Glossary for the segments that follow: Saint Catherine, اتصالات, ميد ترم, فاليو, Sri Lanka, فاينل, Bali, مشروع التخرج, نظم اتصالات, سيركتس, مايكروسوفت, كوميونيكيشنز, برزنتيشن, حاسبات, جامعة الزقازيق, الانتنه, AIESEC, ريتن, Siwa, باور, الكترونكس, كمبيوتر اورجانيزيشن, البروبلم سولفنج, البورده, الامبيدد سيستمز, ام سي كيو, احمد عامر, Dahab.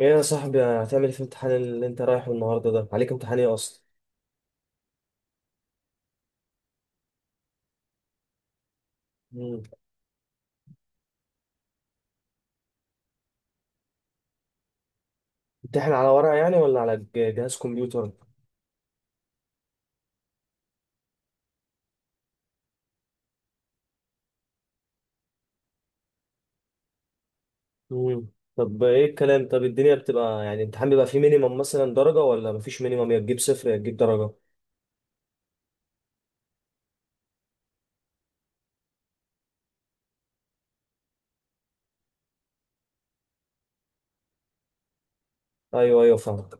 ايه يا صاحبي، هتعمل ايه في الامتحان اللي انت رايحه النهارده ده؟ عليك امتحان ايه اصلا؟ امم امتحان على ورقه يعني ولا على جهاز كمبيوتر؟ امم طب ايه الكلام؟ طب الدنيا بتبقى يعني الامتحان بيبقى فيه مينيمم مثلا درجه، ولا مفيش مينيمم يا تجيب صفر يا تجيب درجه؟ ايوه ايوه فاهمك.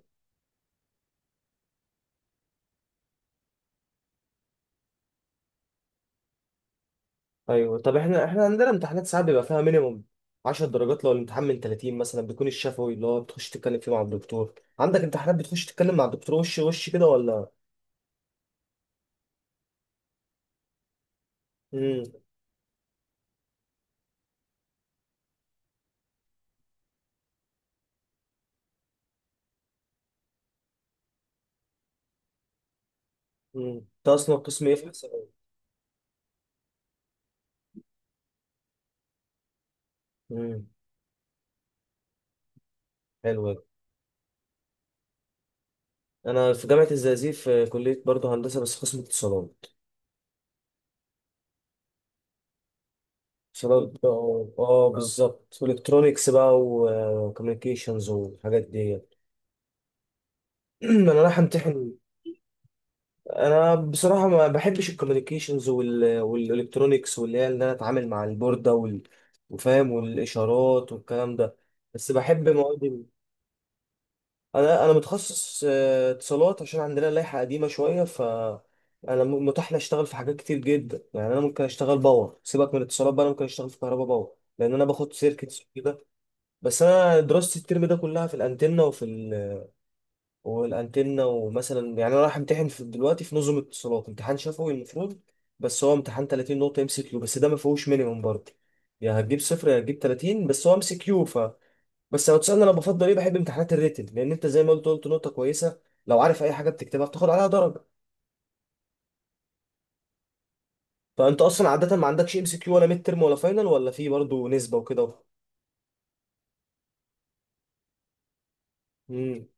ايوه، طب احنا عندنا امتحانات ساعات بيبقى فيها مينيمم 10 درجات لو الامتحان من 30 مثلا، بيكون الشفوي اللي هو بتخش تتكلم فيه مع الدكتور. عندك امتحانات بتخش تتكلم مع الدكتور وش وش كده ولا؟ امم امم انت اصلا قسم ايه في حسابات؟ امم حلو. انا في جامعه الزقازيق، في كليه برضه هندسه بس قسم اتصالات. اتصالات بقى اه بالظبط، والكترونكس بقى وكوميونيكيشنز والحاجات دي. انا رايح امتحن. انا بصراحه ما بحبش الكوميونيكيشنز والالكترونكس، واللي هي ان انا اتعامل مع البورده وفاهم والاشارات والكلام ده. بس بحب مواد. انا متخصص اتصالات عشان عندنا لائحه قديمه شويه، ف انا متاح لي اشتغل في حاجات كتير جدا، يعني انا ممكن اشتغل باور سيبك من الاتصالات بقى، انا ممكن اشتغل في كهرباء باور لان انا باخد سيركتس وكده. بس انا دراستي الترم ده كلها في الانتنه وفي والانتنه. ومثلا يعني انا رايح امتحن في دلوقتي في نظم اتصالات، امتحان شفوي المفروض، بس هو امتحان 30 نقطه ام سي كيو، بس ده ما فيهوش مينيمم برضه. يا هتجيب صفر يا هتجيب 30، بس هو ام سي كيو. بس لو تسألني انا بفضل ايه، بحب امتحانات الريتن، لان انت زي ما قلت نقطة كويسة، لو عارف اي حاجة بتكتبها بتاخد عليها درجة. فانت اصلا عادة ما عندكش ام سي كيو، ولا ميد ترم ولا فاينل ولا في برضه نسبة وكده؟ امم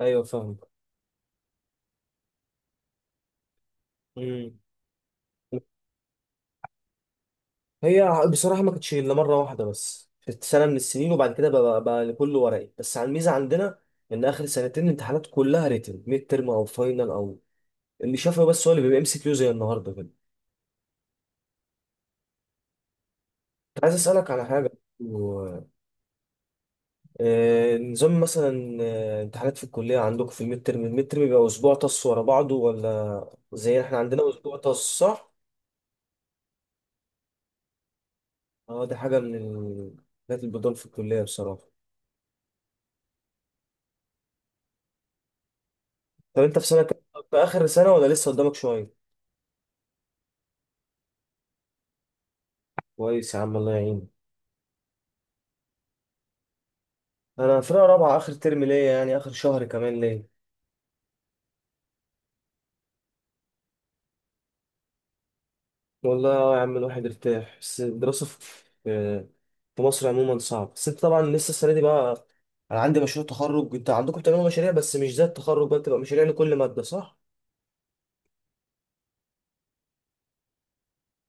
ايوه فاهم. امم هي بصراحة ما كانتش إلا مرة واحدة بس في سنة من السنين، وبعد كده بقى لكل ورقي، بس على الميزة عندنا إن آخر سنتين الامتحانات كلها ريتن، ميد ترم أو فاينل، أو اللي شافه بس هو اللي بيبقى ام سي كيو زي النهاردة كده. كنت عايز أسألك على حاجة. نظام مثلا امتحانات في الكلية عندكم، في الميد ترم، الميد ترم بيبقى أسبوع طص ورا بعضه، ولا زي احنا عندنا أسبوع طص صح؟ اه، دي حاجة من الحاجات البدون في الكلية بصراحة. طب أنت في سنة كام؟ في آخر سنة ولا لسه قدامك شوية؟ كويس يا عم، الله يعينك. أنا فرقة رابعة، آخر ترم ليا، يعني آخر شهر كمان ليا. والله اه يا عم، الواحد ارتاح، بس الدراسة في في مصر عموما صعب. بس انت طبعا لسه السنة دي بقى. انا عندي مشروع تخرج، انت عندكم بتعملوا مشاريع بس مش زي التخرج بقى، بتبقى مشاريع لكل مادة صح؟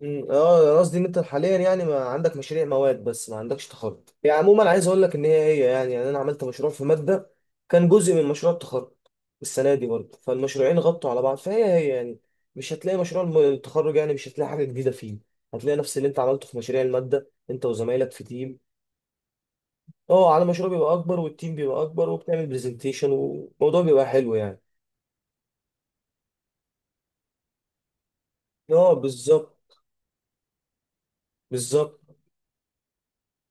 مم، اه. قصدي ان انت حاليا يعني ما عندك مشاريع مواد، بس ما عندكش تخرج. يعني عموما عايز اقول لك ان هي يعني انا عملت مشروع في ماده كان جزء من مشروع التخرج السنه دي برضه، فالمشروعين غطوا على بعض، فهي هي يعني. مش هتلاقي مشروع التخرج، يعني مش هتلاقي حاجه جديده فيه. هتلاقي نفس اللي انت عملته في مشاريع الماده انت وزمايلك في تيم. اه، على مشروع بيبقى اكبر، والتيم بيبقى اكبر، وبتعمل برزنتيشن والموضوع بيبقى حلو يعني. اه بالظبط، بالظبط.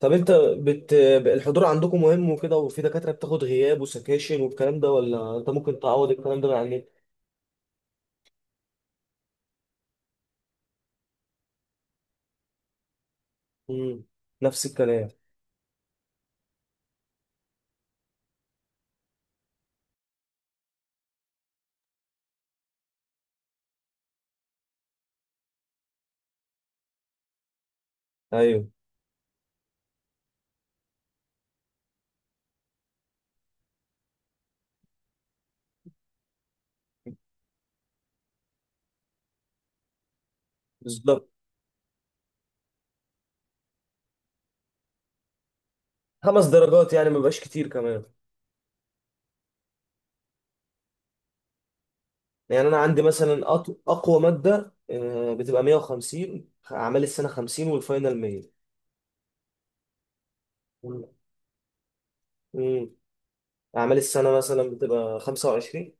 طب انت بت... الحضور عندكم مهم وكده؟ وفي دكاترة بتاخد غياب وسكاشن والكلام ده، ولا انت ممكن تعوض الكلام ده من على النت؟ امم نفس الكلام. ايوه بالظبط. خمس درجات يعني، ما بيبقاش كتير كمان. يعني انا عندي مثلا اقوى مادة بتبقى 150، اعمال السنة 50 والفاينل 100. امم اعمال السنة مثلا بتبقى 25.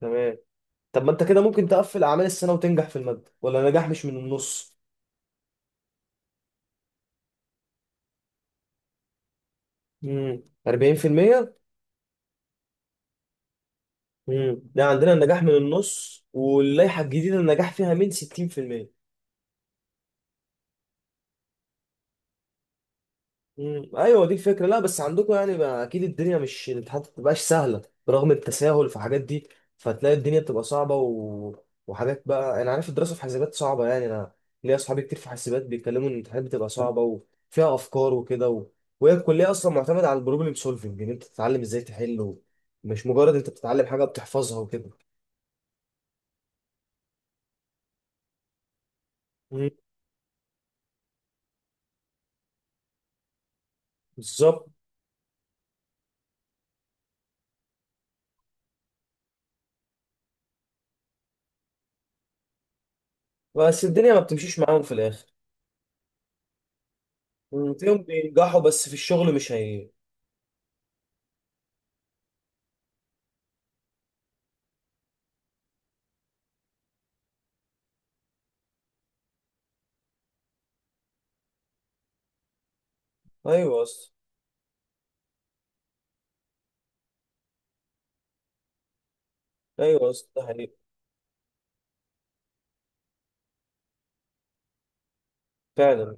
تمام، طب ما انت كده ممكن تقفل اعمال السنة وتنجح في المادة، ولا نجاح مش من النص؟ امم 40%. ده عندنا النجاح من النص، واللائحه الجديده النجاح فيها من 60%. ايوه دي الفكره. لا بس عندكم يعني بقى اكيد الدنيا مش، الامتحانات ما بتبقاش سهله برغم التساهل في حاجات دي. فتلاقي الدنيا بتبقى صعبه وحاجات بقى. انا عارف الدراسه في حاسبات صعبه، يعني انا ليا اصحابي كتير في حاسبات بيتكلموا ان الامتحانات بتبقى صعبه وفيها افكار وكده وهي الكليه اصلا معتمده على البروبلم سولفنج، ان انت تتعلم ازاي تحل مش مجرد انت بتتعلم حاجه بتحفظها وكده. مم. بالظبط. بس الدنيا ما بتمشيش معاهم في الاخر. تلاقيهم بينجحوا، بس في الشغل مش هي. ايوه اصلا، ايوه اصلا، ده حقيقي. فعلا.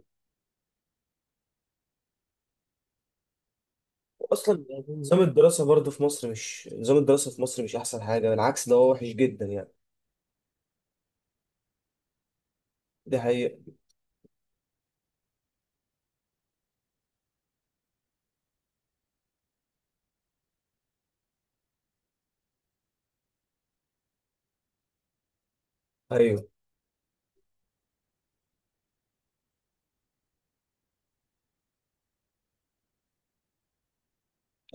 اصلا نظام الدراسه برضه في مصر مش، نظام الدراسه في مصر مش احسن حاجه، بالعكس ده هو وحش جدا يعني. دي حقيقه. ايوه،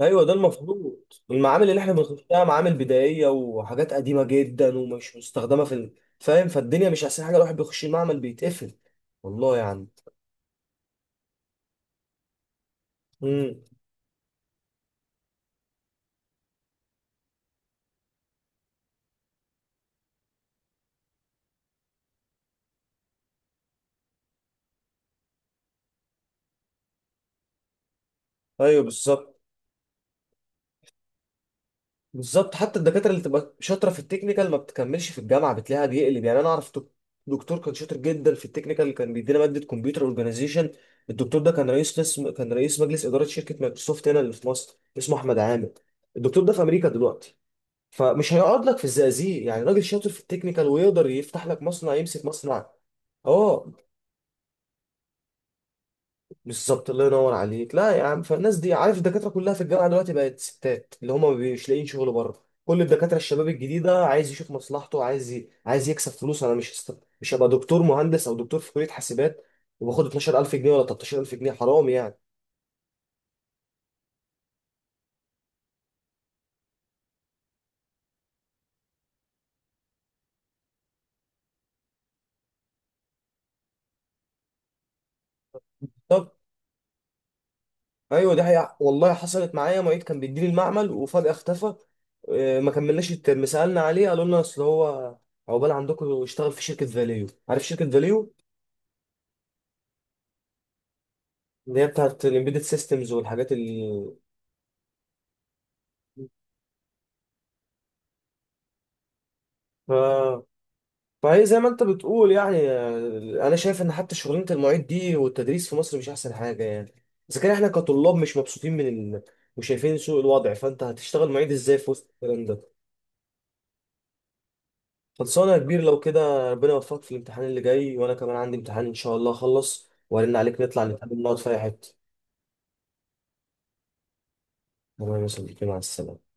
ايوه ده المفروض. المعامل اللي احنا بنخشها معامل بدائيه وحاجات قديمه جدا ومش مستخدمه في فاهم. فالدنيا مش احسن حاجه، الواحد بيخش المعمل بيتقفل والله يعني. امم ايوه بالظبط. بالظبط، حتى الدكاتره اللي تبقى شاطره في التكنيكال ما بتكملش في الجامعه، بتلاقيها بيقلب. يعني انا اعرف دكتور كان شاطر جدا في التكنيكال، كان بيدينا ماده كمبيوتر اورجانيزيشن. الدكتور ده كان رئيس قسم، كان رئيس مجلس اداره شركه مايكروسوفت هنا اللي في مصر، اسمه احمد عامر. الدكتور ده في امريكا دلوقتي، فمش هيقعد لك في الزقازيق. يعني راجل شاطر في التكنيكال ويقدر يفتح لك مصنع، يمسك مصنع؟ اه بالظبط، الله ينور عليك. لا يا عم، فالناس دي عارف، الدكاتره كلها في الجامعه دلوقتي بقت ستات اللي هم مش لاقيين شغل بره. كل الدكاتره الشباب الجديده عايز يشوف مصلحته، عايز عايز يكسب فلوس. انا مش هبقى دكتور مهندس او دكتور في كليه حاسبات وباخد 12000 جنيه ولا 13000 جنيه، حرام يعني. طب ايوه دي حقيقة، والله حصلت معايا معيد كان بيديني المعمل وفجاه اختفى. ما كملناش الترم، سالنا عليه قالوا لنا اصل هو، عقبال عندكم، اشتغل في شركه فاليو. عارف شركه فاليو اللي هي بتاعت الامبيدد سيستمز والحاجات اللي ف... فهي زي ما انت بتقول يعني. انا شايف ان حتى شغلانه المعيد دي والتدريس في مصر مش احسن حاجه يعني. اذا كان احنا كطلاب مش مبسوطين من وشايفين سوء الوضع، فانت هتشتغل معيد ازاي في وسط الكلام ده؟ خلصانه يا كبير لو كده، ربنا يوفقك في الامتحان اللي جاي، وانا كمان عندي امتحان ان شاء الله اخلص وارن عليك، نطلع نتقابل نقعد في اي حته. تمام يا صديقي، مع السلامه.